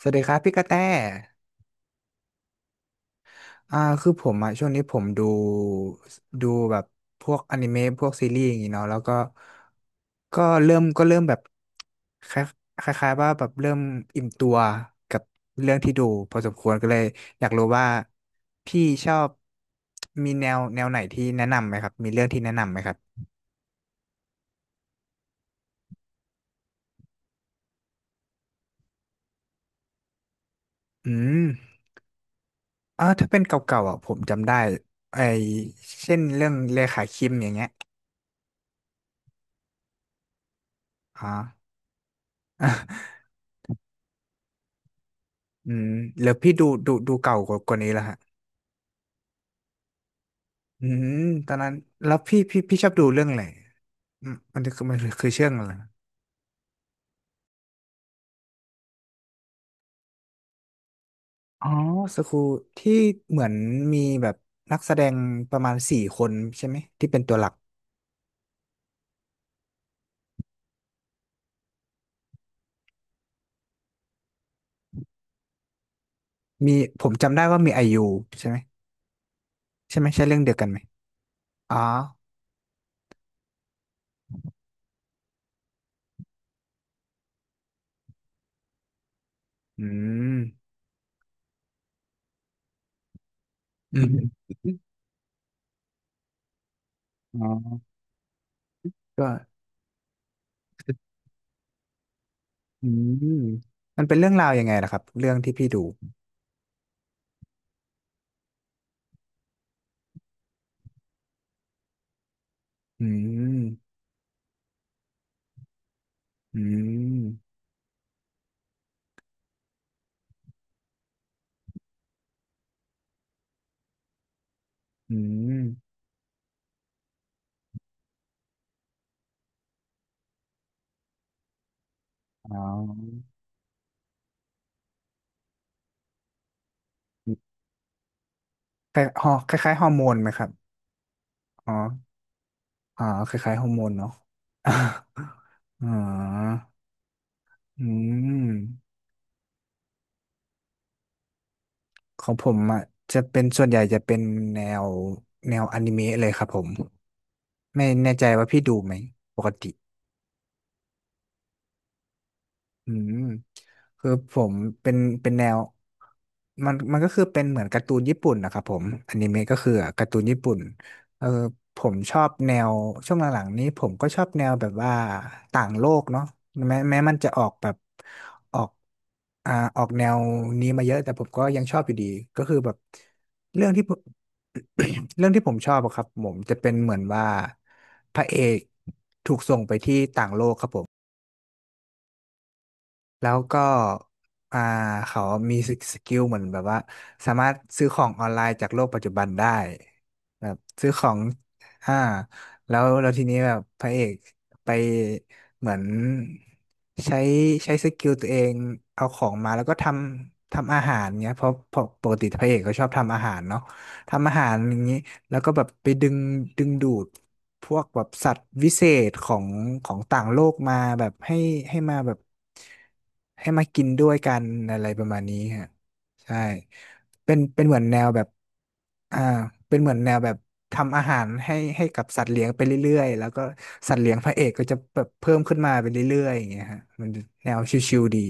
สวัสดีครับพี่กระแตคือผมอ่ะช่วงนี้ผมดูแบบพวกอนิเมะพวกซีรีส์อย่างงี้เนาะแล้วก็ก็เริ่มแบบคลคล้ายๆว่าแบบเริ่มอิ่มตัวกับเรื่องที่ดูพอสมควรก็เลยอยากรู้ว่าพี่ชอบมีแนวไหนที่แนะนำไหมครับมีเรื่องที่แนะนำไหมครับอืมถ้าเป็นเก่าๆอ่ะผมจำได้ไอเช่นเรื่องเลขาคิมอย่างเงี้ยอ๋อ อืมแล้วพี่ดูเก่ากว่านี้แล้วฮะอืมตอนนั้นแล้วพี่ชอบดูเรื่องอะไรอืมมันคือเชื่องอะไรนะอ๋อสกูที่เหมือนมีแบบนักแสดงประมาณสี่คนใช่ไหมที่เป็นตัวหลักมีผมจำได้ว่ามีไอยูใช่ไหมใช่เรื่องเดียวกันไหมอ๋ออืม อืมอ๋อก็อืมมันเป็นเรื่องราวยังไงล่ะครับเรื่องที่พี่ดูอืมอืมอืมอ๋อ คล้ายๆฮอร์โมนไหมครับ อ๋อ อ๋อคล้ายๆฮอร์โมนเนาะ อ๋ออืมของผมอ่ะจะเป็นส่วนใหญ่จะเป็นแนวแนวอนิเมะเลยครับผม ไม่แน่ใจว่าพี่ดูไหมปกติ อืมคือผมเป็นแนวมันก็คือเป็นเหมือนการ์ตูนญี่ปุ่นนะครับผมอนิเมะก็คือการ์ตูนญี่ปุ่นเออผมชอบแนวช่วงหลังๆนี้ผมก็ชอบแนวแบบว่าต่างโลกเนาะแม้มันจะออกแบบออกออกแนวนี้มาเยอะแต่ผมก็ยังชอบอยู่ดีก็คือแบบเรื่องที่ผม เรื่องที่ผมชอบอะครับผมจะเป็นเหมือนว่าพระเอกถูกส่งไปที่ต่างโลกครับผม แล้วก็อ่าเขามีสกิลเหมือนแบบว่าสามารถซื้อของออนไลน์จากโลกปัจจุบันได้แบบซื้อของอ่าแล้วทีนี้แบบพระเอกไปเหมือนใช้ใช้สกิลตัวเองเอาของมาแล้วก็ทำอาหารเงี้ยเพราะปกติพระเอกก็ชอบทำอาหารเนาะทำอาหารอย่างนี้แล้วก็แบบไปดึงดูด พวกแบบสัตว์วิเศษของของต่างโลกมาแบบให้ให้มาแบบให้มากินด้วยกันอะไรประมาณนี้ฮะใช่เป็นเหมือนแนวแบบอ่าเป็นเหมือนแนวแบบทำอาหารให้กับสัตว์เลี้ยงไปเรื่อยๆแล้วก็สัตว์เลี้ยงพระเอกก็จะแบบเพิ่มขึ้นมาไปเรื่อยๆอย่างเงี้ยฮะมันแนวชิวๆดี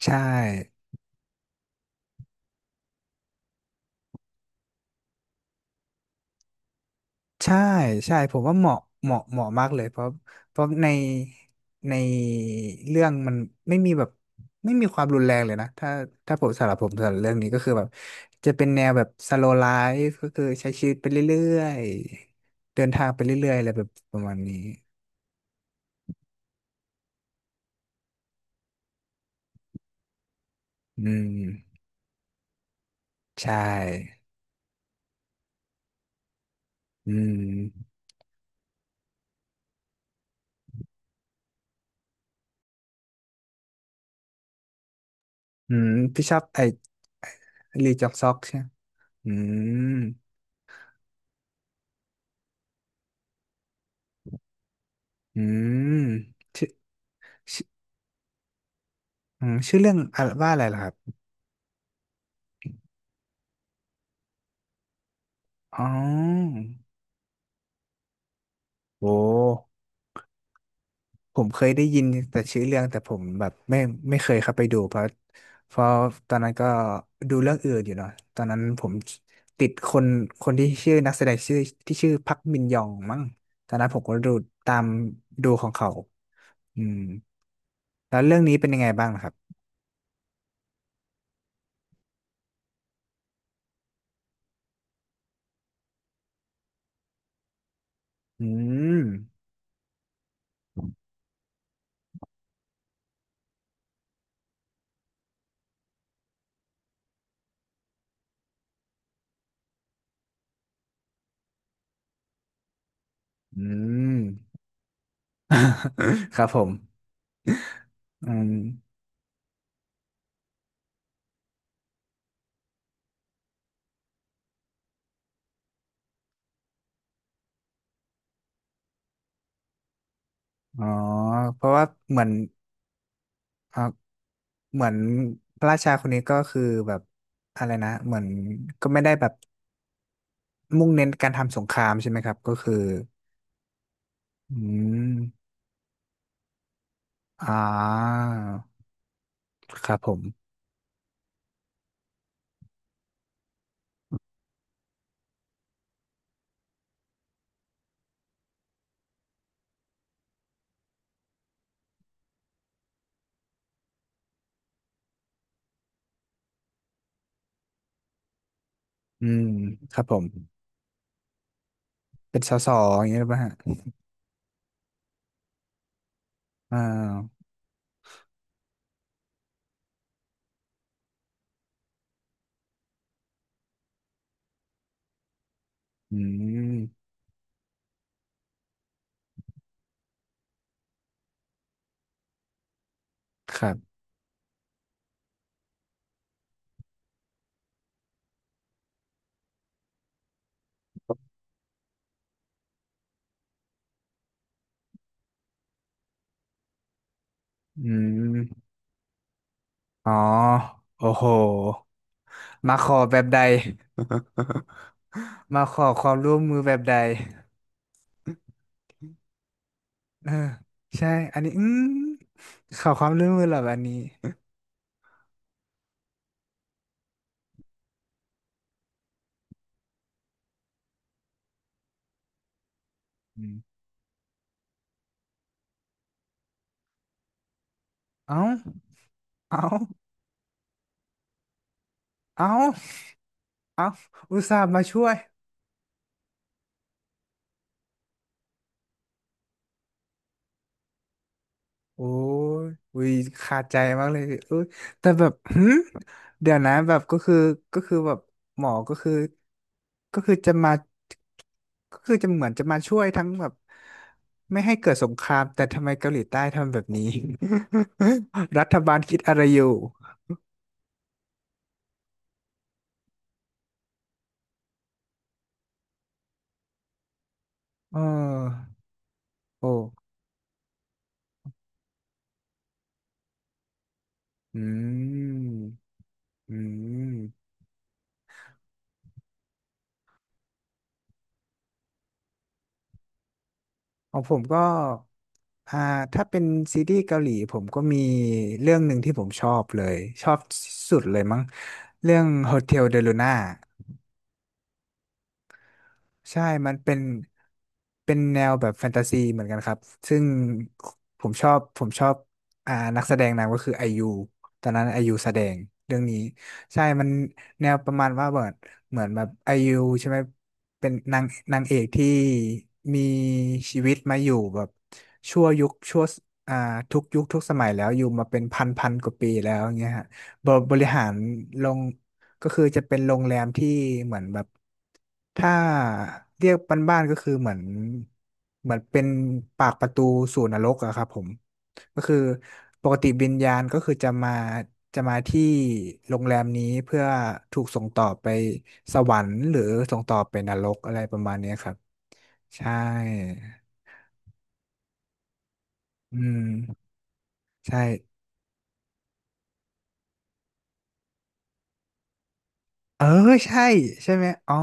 ใช่ ใช่ใช่ผมว่าเหมาะมากเลยเพราะเพราะในในเรื่องมันไม่มีแบบไม่มีความรุนแรงเลยนะถ้าถ้าผมสำหรับผมสำหรับเรื่องนี้ก็คือแบบจะเป็นแนวแบบสโล w l ไลฟ์ก็คือใช้ชีวิตไปเรื่อยๆเดินทางไปเรื่อยๆอะไรแบบประมาณนี้อืมใช่อืมอืมพี่ชอบไอ้ลีจอกซอกใช่ไหมอืมอืมชื่อชื่ออืมชื่อเรื่องอะไรว่าอะไรล่ะครับอ๋อ โอ้ผมเคยได้ยินแต่ชื่อเรื่องแต่ผมแบบไม่เคยเข้าไปดูเพราะเพราะตอนนั้นก็ดูเรื่องอื่นอยู่เนาะตอนนั้นผมติดคนคนที่ชื่อนักแสดงชื่อที่ชื่อพักมินยองมั้งตอนนั้นผมก็ดูตามดูของเขาอืมแล้วเรื่องนี้เป็นยังไงบ้างนะครับอืมอืม ครับผมอืมอ๋อเพราะว่าเหมือน อ่ะเหมือนพระราชาคนนี้ก็คือแบบอะไรนะเหมือนก็ไม่ได้แบบมุ่งเน้นการทำสงครามใช่ไหมครับก็คืออืมอ่าครับผมอืมครับผมเป็นสสอย่างเงี้ยหรือเปล่าฮะอ่าอืมครับอืมอ๋อโอ้โหมาขอแบบใด มาขอความร่วมมือแบบใดเออใช่อันนี้อืมขอความร่วมมือเหรอแบบนี้ อืมเอ้าเอ้าเอ้าเอ้าอุตส่าห์มาช่วย โอ้ยอุ้ยขาดใจมากเลยเอ้ยแต่แบบหมเดี๋ยวนะแบบก็คือก็คือแบบหมอก็คือก็คือจะมาก็คือจะเหมือนจะมาช่วยทั้งแบบไม่ให้เกิดสงครามแต่ทำไมเกาหลีใต้ทำแบบนี้ รัฐบาลคิดอะไรอยู่เออโอ้อืม อืม ของผมก็อ่าถ้าเป็นซีรีส์เกาหลีผมก็มีเรื่องหนึ่งที่ผมชอบเลยชอบสุดเลยมั้งเรื่อง Hotel de Luna ใช่ มันเป็นแนวแบบแฟนตาซีเหมือนกันครับซึ่งผมชอบนักแสดงนำก็คือไอยู ตอนนั้นไอยูแสดงเรื่องนี้ใช่มันแนวประมาณว่าเหมือนเหมือนแบบไอยูใช่ไหมเป็นนางเอกที่มีชีวิตมาอยู่แบบชั่วยุคชั่วอ่าทุกยุคทุกสมัยแล้วอยู่มาเป็น1,000 กว่าปีแล้วอย่างเงี้ยฮะบริหารลงก็คือจะเป็นโรงแรมที่เหมือนแบบ ถ้าเรียกบ้านๆก็คือเหมือนเป็นปากประตูสู่นรกอะครับผมก็คือปกติวิญญาณก็คือจะมาที่โรงแรมนี้เพื่อถูกส่งต่อไปสวรรค์หรือส่งต่อไปนรกอะไรประมาณเนี้ยครับใช่อืมใช่เออใช่ใช่ไหมอ๋อ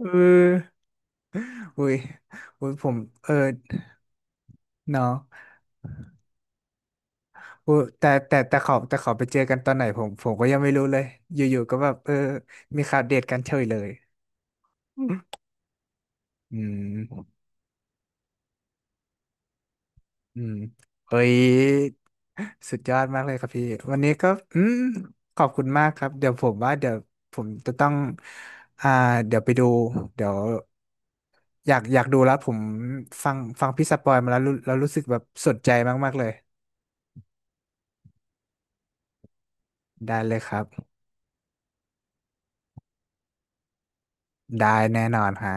เอออุ้ยอุ้ยผมเออเนาะ โอ้แต่เขาไปเจอกันตอนไหนผมก็ยังไม่รู้เลยอยู่ๆก็แบบเออมีข่าวเดทกันเฉยเลยอืมอืมเฮ้ยสุดยอดมากเลยครับพี่วันนี้ก็อืมขอบคุณมากครับเดี๋ยวผมว่าเดี๋ยวผมจะต้องอ่าเดี๋ยวไปดูเดี๋ยวอยากดูแล้วผมฟังพี่สปอยมาแล้วรู้สึกแบบสนใจมากๆเลยได้เลยครับได้แน่นอนฮะ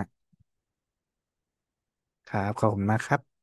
ครับขอบคุณมากครับ